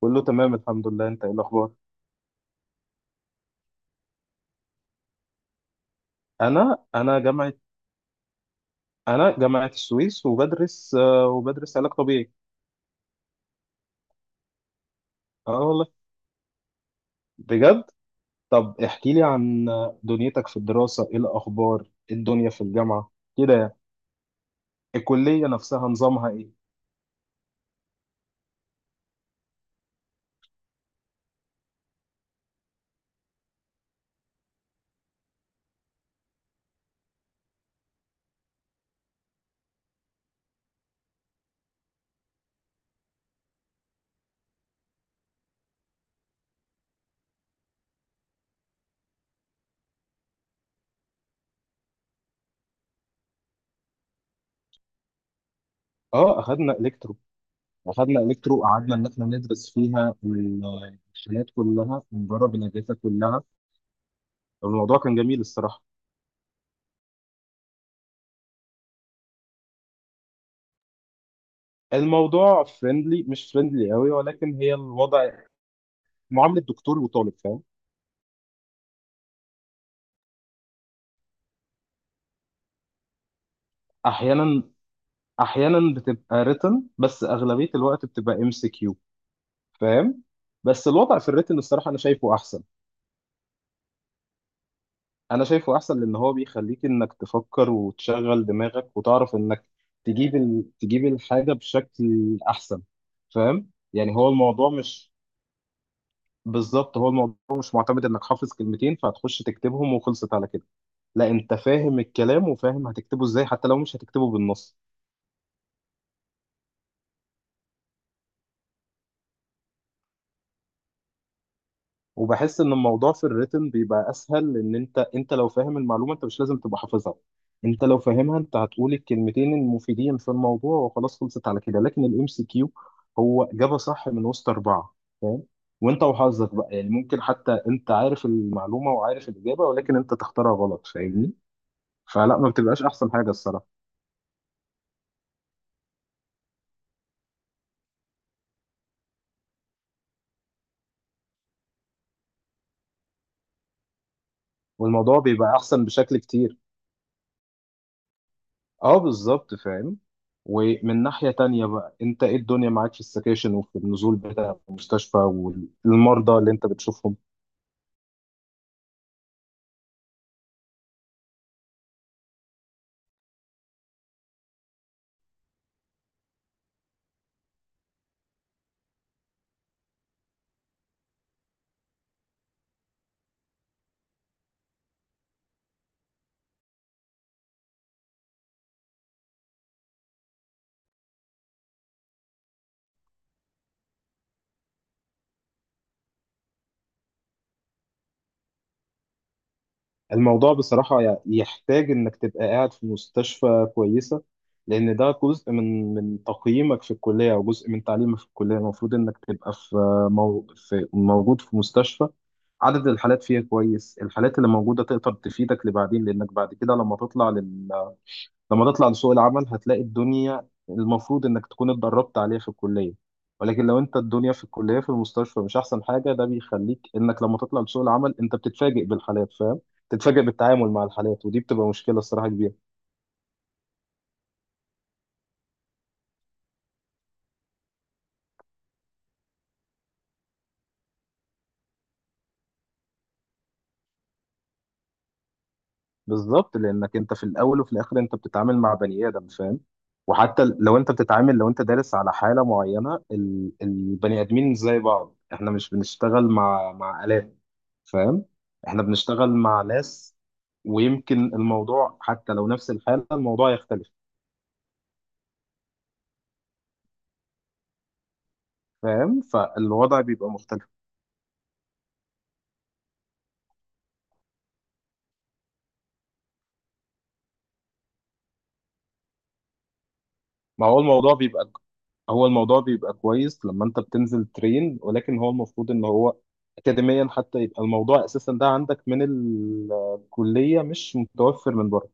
كله تمام الحمد لله. انت ايه الاخبار؟ انا جامعه، انا جامعه السويس وبدرس وبدرس علاج طبيعي. اه والله، بجد. طب احكي لي عن دنيتك في الدراسه، ايه الاخبار؟ ايه الدنيا في الجامعه كده يعني؟ الكليه نفسها نظامها ايه؟ اه اخدنا الكترو. اخدنا الكترو وقعدنا ان احنا ندرس فيها الحاجات كلها ونجرب الاجهزه كلها. الموضوع كان جميل الصراحه. الموضوع فريندلي، مش فريندلي قوي، ولكن هي الوضع معامله دكتور وطالب. فاهم؟ احيانا، احيانا بتبقى written، بس اغلبيه الوقت بتبقى ام سي كيو. فاهم؟ بس الوضع في الريتن الصراحه انا شايفه احسن. انا شايفه احسن لان هو بيخليك انك تفكر وتشغل دماغك وتعرف انك تجيب تجيب الحاجه بشكل احسن. فاهم يعني؟ هو الموضوع مش، بالظبط، هو الموضوع مش معتمد انك حافظ كلمتين فهتخش تكتبهم وخلصت على كده. لا، انت فاهم الكلام وفاهم هتكتبه ازاي حتى لو مش هتكتبه بالنص. وبحس ان الموضوع في الريتم بيبقى اسهل لان انت لو فاهم المعلومه انت مش لازم تبقى حافظها. انت لو فاهمها انت هتقول الكلمتين المفيدين في الموضوع وخلاص خلصت على كده، لكن الام سي كيو هو اجابه صح من وسط اربعه. فاهم؟ وانت وحظك بقى يعني، ممكن حتى انت عارف المعلومه وعارف الاجابه ولكن انت تختارها غلط. فاهمني؟ فلا، ما بتبقاش احسن حاجه الصراحه. والموضوع بيبقى احسن بشكل كتير. اه بالظبط، فاهم. ومن ناحية تانية بقى، انت ايه الدنيا معاك في السكاشن وفي النزول بتاع المستشفى والمرضى اللي انت بتشوفهم؟ الموضوع بصراحة يحتاج انك تبقى قاعد في مستشفى كويسة، لان ده جزء من تقييمك في الكلية او جزء من تعليمك في الكلية. المفروض انك تبقى في، في، موجود في مستشفى عدد الحالات فيها كويس. الحالات اللي موجودة تقدر تفيدك لبعدين، لانك بعد كده لما تطلع لما تطلع لسوق العمل هتلاقي الدنيا المفروض انك تكون اتدربت عليها في الكلية. ولكن لو انت الدنيا في الكلية في المستشفى مش احسن حاجة، ده بيخليك انك لما تطلع لسوق العمل انت بتتفاجئ بالحالات. فاهم؟ بتتفاجئ بالتعامل مع الحالات، ودي بتبقى مشكلة الصراحة كبيرة. بالظبط، لانك انت في الاول وفي الاخر انت بتتعامل مع بني ادم. فاهم؟ وحتى لو انت بتتعامل، لو انت دارس على حالة معينة، البني ادمين مش زي بعض، احنا مش بنشتغل مع آلات. فاهم؟ احنا بنشتغل مع ناس. ويمكن الموضوع حتى لو نفس الحالة، الموضوع يختلف. فاهم؟ فالوضع بيبقى مختلف. ما هو الموضوع بيبقى، هو الموضوع بيبقى كويس لما انت بتنزل ترين، ولكن هو المفروض ان هو اكاديميا حتى يبقى الموضوع اساسا ده عندك من الكلية، مش متوفر من بره.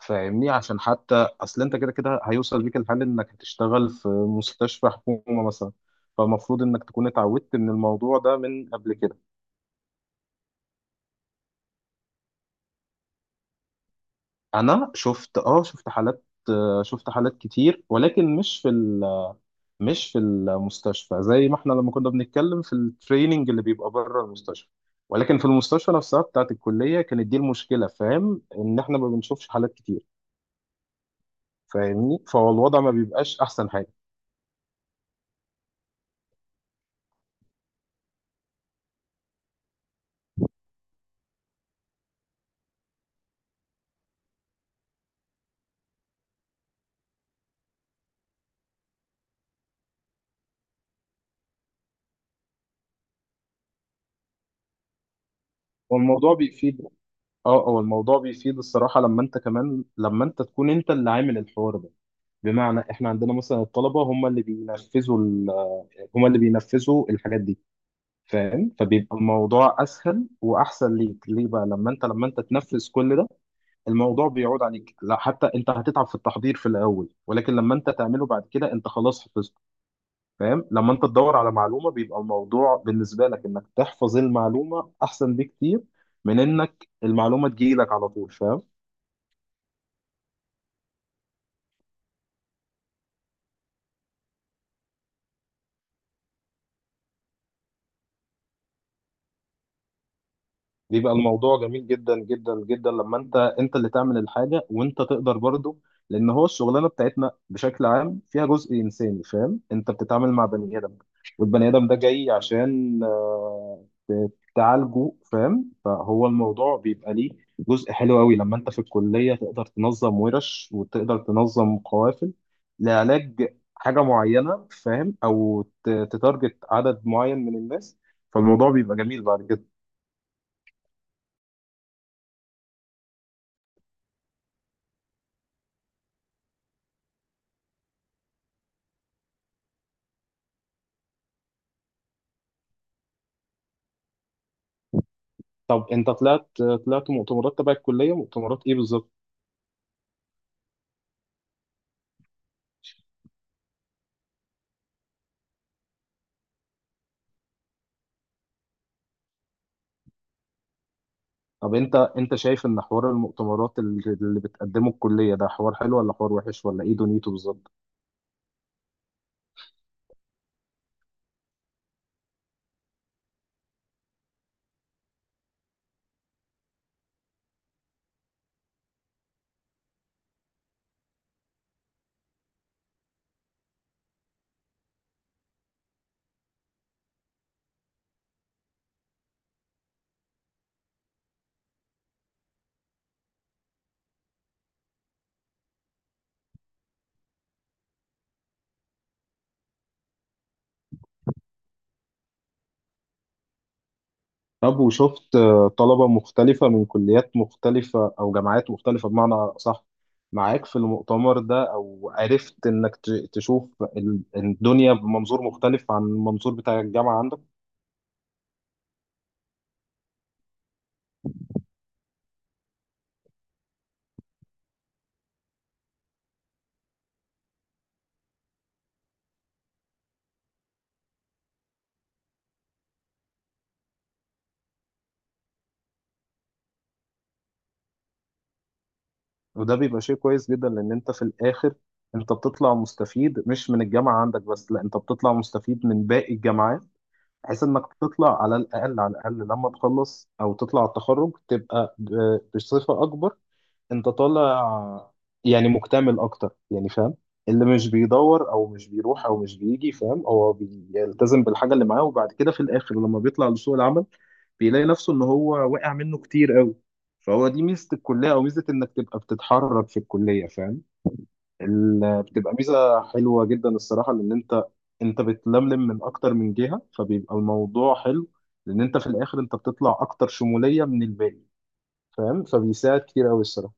فاهمني؟ عشان حتى اصل انت كده كده هيوصل بيك الحال انك هتشتغل في مستشفى حكومة مثلا، فالمفروض انك تكون اتعودت من الموضوع ده من قبل كده. انا شفت، اه شفت حالات، شفت حالات كتير ولكن مش في مش في المستشفى. زي ما احنا لما كنا بنتكلم في التريننج اللي بيبقى بره المستشفى، ولكن في المستشفى نفسها بتاعت الكلية كانت دي المشكلة. فاهم؟ ان احنا ما بنشوفش حالات كتير. فاهمني؟ فهو الوضع ما بيبقاش احسن حاجة. والموضوع بيفيد. اه، هو الموضوع بيفيد الصراحة، لما انت كمان لما انت تكون انت اللي عامل الحوار ده. بمعنى، احنا عندنا مثلا الطلبة هم اللي بينفذوا هم اللي بينفذوا الحاجات دي. فاهم؟ فبيبقى الموضوع اسهل واحسن ليك. ليه بقى؟ لما انت، لما انت تنفذ كل ده الموضوع بيعود عليك. لا حتى انت هتتعب في التحضير في الاول، ولكن لما انت تعمله بعد كده انت خلاص حفظته. فاهم؟ لما انت تدور على معلومه بيبقى الموضوع بالنسبه لك انك تحفظ المعلومه احسن بكتير من انك المعلومه تجيلك على طول. فاهم؟ بيبقى الموضوع جميل جدا جدا جدا لما انت اللي تعمل الحاجه وانت تقدر برضه، لان هو الشغلانه بتاعتنا بشكل عام فيها جزء انساني. فاهم؟ انت بتتعامل مع بني ادم، والبني ادم ده جاي عشان تعالجه. فاهم؟ فهو الموضوع بيبقى ليه جزء حلو قوي لما انت في الكليه تقدر تنظم ورش وتقدر تنظم قوافل لعلاج حاجه معينه. فاهم؟ او تتارجت عدد معين من الناس. فالموضوع بيبقى جميل بعد كده. طب انت طلعت، طلعت مؤتمرات تبع الكليه، مؤتمرات ايه بالظبط؟ طب انت شايف ان حوار المؤتمرات اللي بتقدمه الكليه ده حوار حلو ولا حوار وحش ولا ايه دنيته بالظبط؟ طب وشفت طلبه مختلفه من كليات مختلفه او جامعات مختلفه بمعنى صح معاك في المؤتمر ده؟ او عرفت انك تشوف الدنيا بمنظور مختلف عن المنظور بتاع الجامعه عندك؟ وده بيبقى شيء كويس جدا، لان انت في الاخر انت بتطلع مستفيد مش من الجامعه عندك بس، لا انت بتطلع مستفيد من باقي الجامعات. بحيث انك تطلع، على الاقل على الاقل لما تخلص او تطلع على التخرج، تبقى بصفه اكبر انت طالع، يعني مكتمل اكتر يعني. فاهم؟ اللي مش بيدور او مش بيروح او مش بيجي، فاهم، هو بيلتزم بالحاجه اللي معاه، وبعد كده في الاخر لما بيطلع لسوق العمل بيلاقي نفسه ان هو واقع منه كتير قوي. فهو دي ميزه الكليه او ميزه انك تبقى بتتحرك في الكليه. فاهم؟ بتبقى ميزه حلوه جدا الصراحه، لان انت، انت بتلملم من اكتر من جهه، فبيبقى الموضوع حلو. لان انت في الاخر انت بتطلع اكتر شموليه من الباقي. فاهم؟ فبيساعد كتير قوي الصراحه.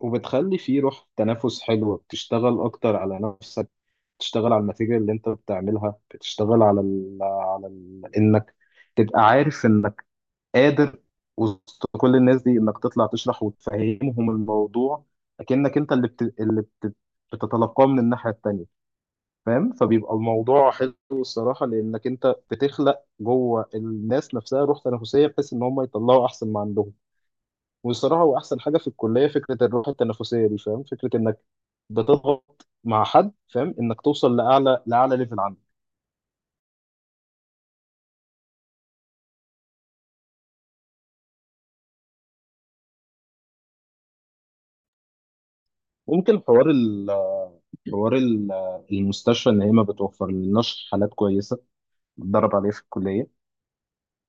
وبتخلي فيه روح تنافس حلوه، بتشتغل اكتر على نفسك، بتشتغل على الماتيريال اللي انت بتعملها، بتشتغل على ال انك تبقى عارف انك قادر وسط كل الناس دي انك تطلع تشرح وتفهمهم الموضوع. اكنك انت بتتلقاه من الناحية التانية. فاهم؟ فبيبقى الموضوع حلو الصراحة، لانك انت بتخلق جوه الناس نفسها روح تنافسية بحيث ان هم يطلعوا احسن ما عندهم. والصراحة هو احسن حاجة في الكلية فكرة الروح التنافسية دي. فاهم؟ فكرة انك بتضغط مع حد، فاهم، انك توصل لاعلى، لاعلى ليفل عنده. ممكن حوار المستشفى ان هي ما بتوفر لناش حالات كويسة بتدرب عليه في الكلية.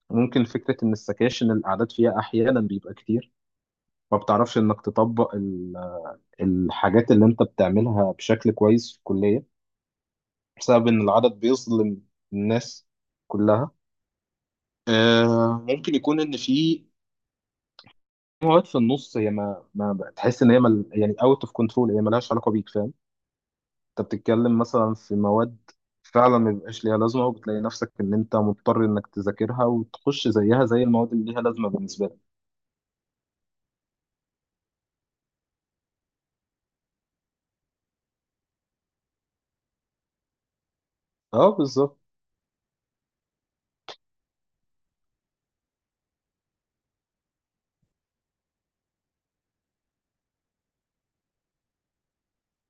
ممكن فكرة إن السكاشن الأعداد فيها أحيانا بيبقى كتير، ما بتعرفش إنك تطبق الحاجات اللي أنت بتعملها بشكل كويس في الكلية بسبب إن العدد بيظلم الناس كلها. ممكن يكون إن في مواد في النص هي ما بتحس إن هي مل يعني أوت أوف كنترول، هي ملهاش علاقة بيك. فاهم؟ أنت بتتكلم مثلا في مواد فعلا ما بيبقاش ليها لازمة، وبتلاقي نفسك إن أنت مضطر إنك تذاكرها وتخش زيها زي المواد اللي ليها لازمة بالنسبة لك. أه بالظبط.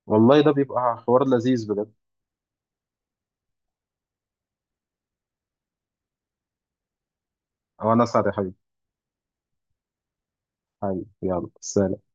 والله ده بيبقى حوار لذيذ بجد. او انا اسعد يا حبيبي. حبيبي يلا سلام.